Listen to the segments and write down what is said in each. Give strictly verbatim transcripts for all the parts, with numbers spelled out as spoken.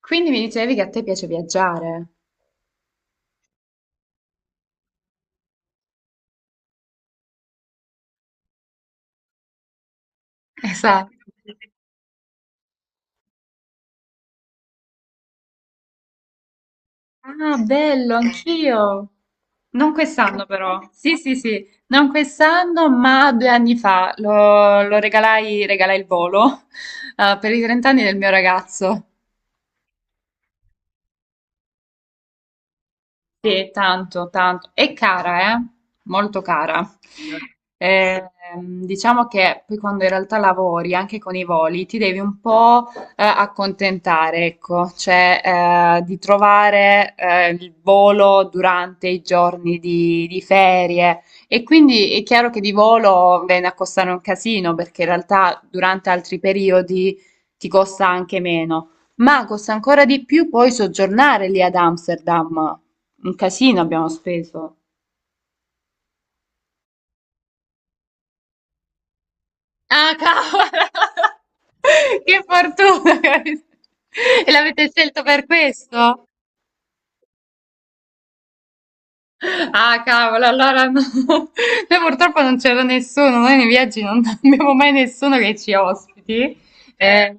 Quindi mi dicevi che a te piace viaggiare. Esatto. Ah, bello, anch'io. Non quest'anno però. Sì, sì, sì, non quest'anno, ma due anni fa lo, lo regalai, regalai il volo eh, per i trenta anni del mio ragazzo. Sì, tanto, tanto. È cara, eh? Molto cara. Eh, ehm, diciamo che poi quando in realtà lavori anche con i voli ti devi un po' eh, accontentare, ecco, cioè eh, di trovare eh, il volo durante i giorni di, di ferie e quindi è chiaro che di volo viene a costare un casino, perché in realtà durante altri periodi ti costa anche meno, ma costa ancora di più poi soggiornare lì ad Amsterdam. Un casino abbiamo speso. Ah, cavolo! Che fortuna! che avete- E l'avete scelto per questo? Ah, cavolo, allora no. Noi purtroppo non c'era nessuno, noi nei viaggi non abbiamo mai nessuno che ci ospiti. Eh,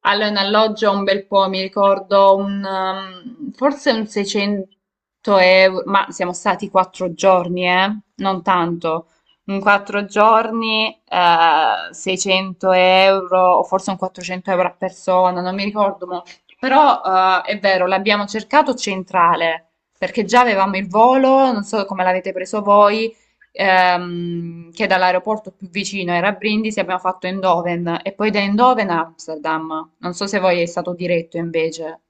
Allora, in alloggio un bel po', mi ricordo un, ehm, forse un seicento euro, ma siamo stati quattro giorni, eh? Non tanto. In quattro giorni, eh, seicento euro, o forse un quattrocento euro a persona, non mi ricordo mo. Però, eh, è vero, l'abbiamo cercato centrale, perché già avevamo il volo, non so come l'avete preso voi, ehm, che dall'aeroporto più vicino era Brindisi, abbiamo fatto Eindhoven e poi da Eindhoven a Amsterdam. Non so se voi è stato diretto invece.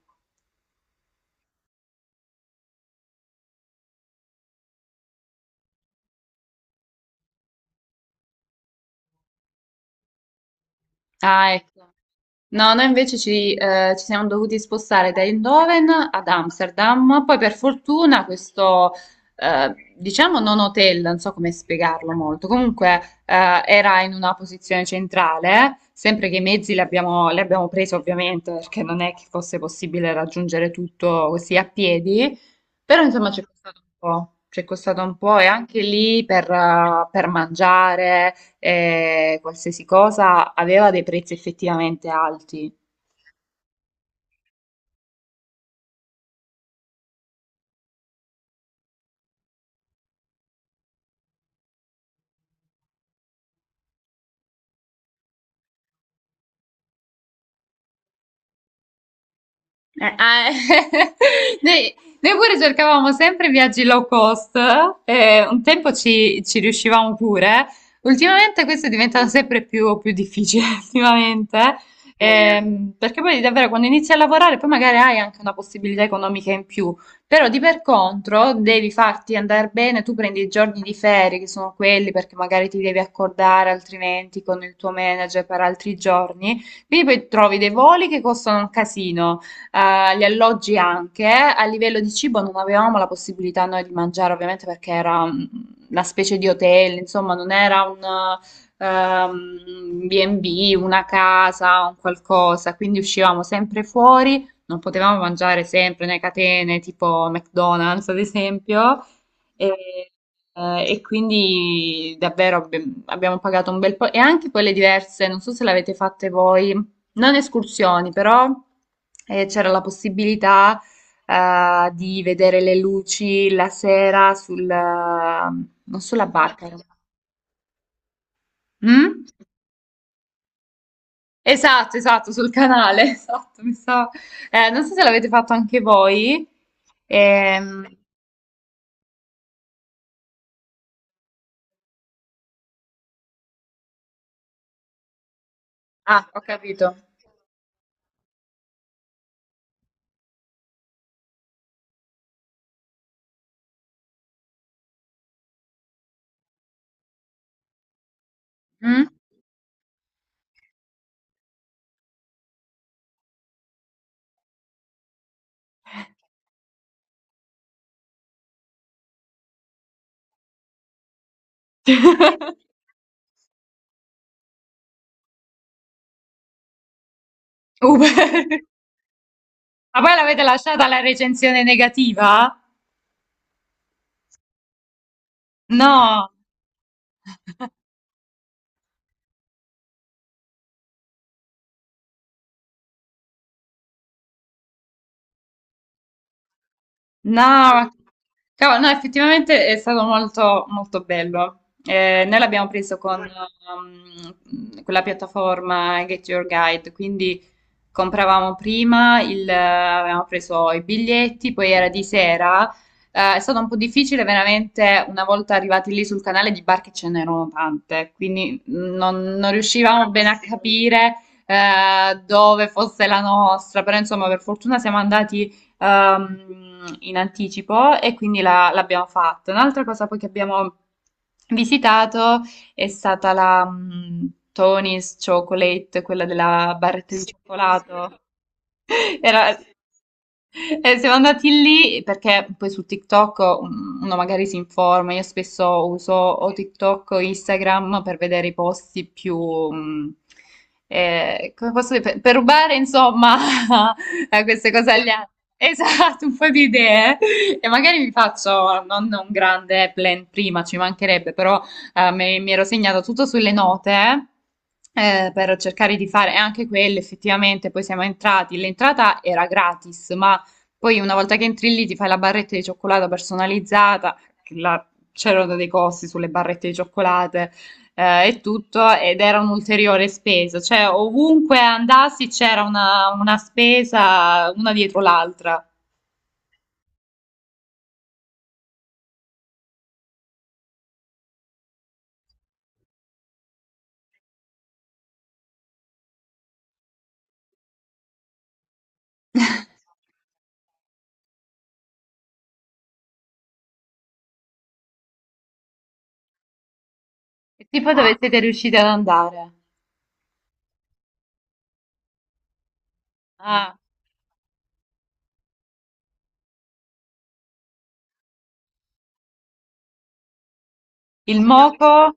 Ah, ecco. No, noi invece ci, eh, ci siamo dovuti spostare da Eindhoven ad Amsterdam, poi per fortuna questo, eh, diciamo non hotel, non so come spiegarlo, molto comunque eh, era in una posizione centrale, sempre che i mezzi li abbiamo, li abbiamo presi ovviamente perché non è che fosse possibile raggiungere tutto così a piedi, però insomma ci è costato un po', ci è costato un po' e anche lì per eh, per mangiare eh, qualsiasi cosa, aveva dei prezzi effettivamente alti. Eh, ah, Noi, noi pure cercavamo sempre viaggi low cost, eh, un tempo ci, ci riuscivamo pure, ultimamente questo è diventato sempre più, più difficile, ultimamente, ehm, perché poi davvero quando inizi a lavorare poi magari hai anche una possibilità economica in più, però di per contro devi farti andare bene, tu prendi i giorni di ferie che sono quelli perché magari ti devi accordare altrimenti con il tuo manager per altri giorni, quindi poi trovi dei voli che costano un casino, eh, gli alloggi anche. A livello di cibo non avevamo la possibilità noi di mangiare, ovviamente, perché era mm, una specie di hotel, insomma, non era un ehm, B e B, una casa, un qualcosa, quindi uscivamo sempre fuori, non potevamo mangiare sempre nelle catene tipo McDonald's, ad esempio. E, eh, e quindi davvero abbi- abbiamo pagato un bel po' e anche quelle diverse, non so se l'avete fatte voi, non escursioni, però eh, c'era la possibilità eh, di vedere le luci la sera sul, eh, non sulla barca. era- Mm? Esatto, esatto, sul canale, esatto, mi sa. Eh, non so se l'avete fatto anche voi. Ehm. Ah, ho capito. Mm? Uh, ma poi l'avete lasciata la recensione negativa? No. No, ma cavolo, no, effettivamente è stato molto, molto bello. Eh, noi l'abbiamo preso con um, quella piattaforma Get Your Guide, quindi compravamo prima, il, eh, avevamo preso i biglietti, poi era di sera. Eh, è stato un po' difficile veramente. Una volta arrivati lì sul canale di barche ce n'erano tante, quindi non, non riuscivamo bene a capire eh, dove fosse la nostra, però insomma per fortuna siamo andati ehm, in anticipo e quindi la- l'abbiamo fatto. Un'altra cosa poi che abbiamo visitato è stata la mm, Tony's Chocolate, quella della barretta di sì, cioccolato. Era... Eh, siamo andati lì perché poi su TikTok um, uno magari si informa, io spesso uso o TikTok o Instagram per vedere i posti più, um, eh, come posso dire, per, per rubare insomma a queste cose agli altri. Esatto, un po' di idee e magari mi faccio non un grande plan prima, ci mancherebbe, però eh, me- mi ero segnata tutto sulle note eh, per cercare di fare e anche quelle effettivamente. Poi siamo entrati. L'entrata era gratis, ma poi una volta che entri lì ti fai la barretta di cioccolato personalizzata. che la- C'erano dei costi sulle barrette di cioccolate eh, e tutto, ed era un'ulteriore spesa. Cioè, ovunque andassi c'era una, una spesa una dietro l'altra. E tipo dove siete riusciti ad andare? Ah, il moco?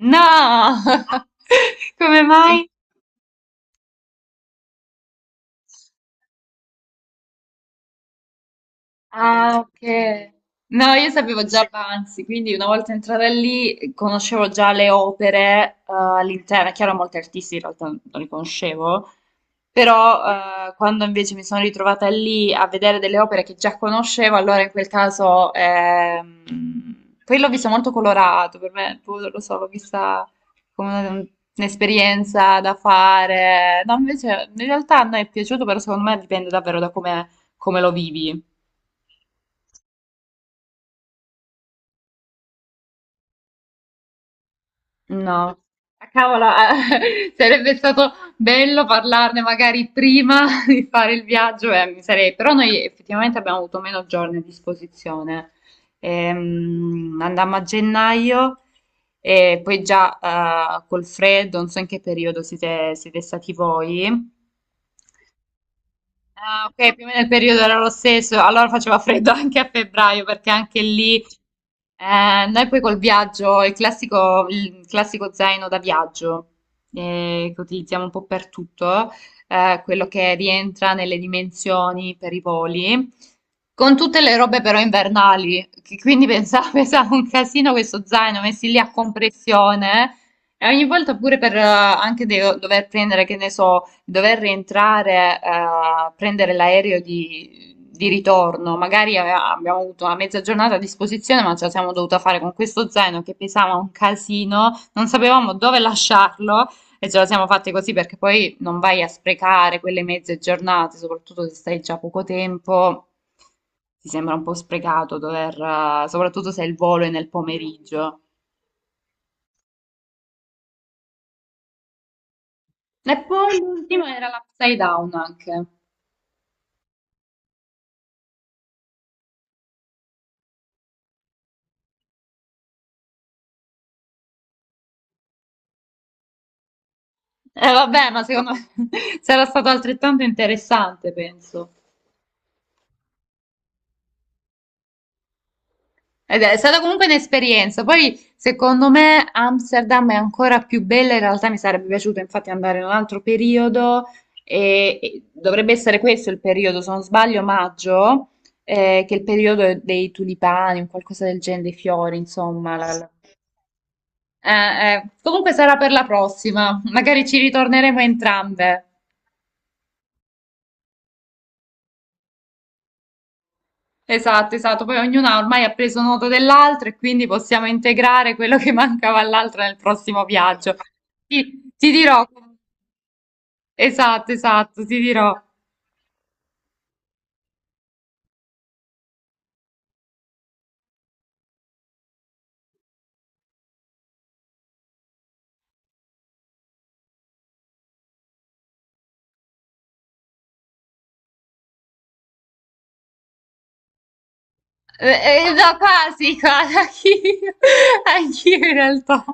No! Come sì, mai? Ah, ok. No, io sapevo già Banzi, quindi una volta entrata lì conoscevo già le opere eh, all'interno. È chiaro, molti artisti in realtà non li conoscevo, però eh, quando invece mi sono ritrovata lì a vedere delle opere che già conoscevo, allora in quel caso... ehm. Poi l'ho vista molto colorato, per me, boh, non lo so, l'ho vista come un- un'esperienza da fare. No, invece in realtà a me è piaciuto, però secondo me dipende davvero da come come lo vivi. No, ah, cavolo, ah, sarebbe stato bello parlarne magari prima di fare il viaggio, eh, mi sarei- però noi effettivamente abbiamo avuto meno giorni a disposizione. Ehm, andammo a gennaio e poi già eh, col freddo, non so in che periodo siete, siete stati voi. Ah, ok, più o meno il periodo era lo stesso, allora faceva freddo anche a febbraio, perché anche lì eh, noi poi col viaggio, il classico, il classico zaino da viaggio eh, che utilizziamo un po' per tutto, eh, quello che rientra nelle dimensioni per i voli, con tutte le robe però invernali, che quindi pensavo, pesava un casino questo zaino messi lì a compressione. Eh. E ogni volta pure per eh, anche de- dover prendere, che ne so, dover rientrare a prendere l'aereo di, di ritorno, magari ave- abbiamo avuto una mezza giornata a disposizione, ma ce la siamo dovuta fare con questo zaino che pesava un casino, non sapevamo dove lasciarlo e ce la siamo fatte così perché poi non vai a sprecare quelle mezze giornate, soprattutto se stai già poco tempo. Ti sembra un po' sprecato dover, eh, soprattutto se il volo è nel pomeriggio. E poi l'ultimo era l'upside down anche. Eh, vabbè, ma secondo me sarà stato altrettanto interessante, penso. Ed è stata comunque un'esperienza. Poi, secondo me, Amsterdam è ancora più bella. In realtà mi sarebbe piaciuto infatti andare in un altro periodo e, e dovrebbe essere questo il periodo, se non sbaglio, maggio, eh, che è il periodo dei tulipani, un qualcosa del genere, dei fiori, insomma. la- la- Eh, eh, Comunque sarà per la prossima. Magari ci ritorneremo entrambe. Esatto, esatto. Poi ognuna ormai ha preso nota dell'altra e quindi possiamo integrare quello che mancava all'altra nel prossimo viaggio. Ti, ti dirò, esatto, esatto, ti dirò. Eh, eh, Da quasi, quasi, anch'io, anch'io in realtà.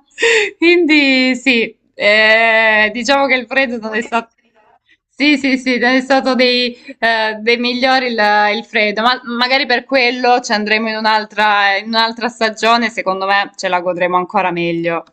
Quindi sì, eh, diciamo che il freddo non è stato... Sì, sì, sì, non è stato dei, eh, dei migliori il, il freddo, ma magari per quello ci andremo in un'altra, in un'altra stagione, secondo me ce la godremo ancora meglio.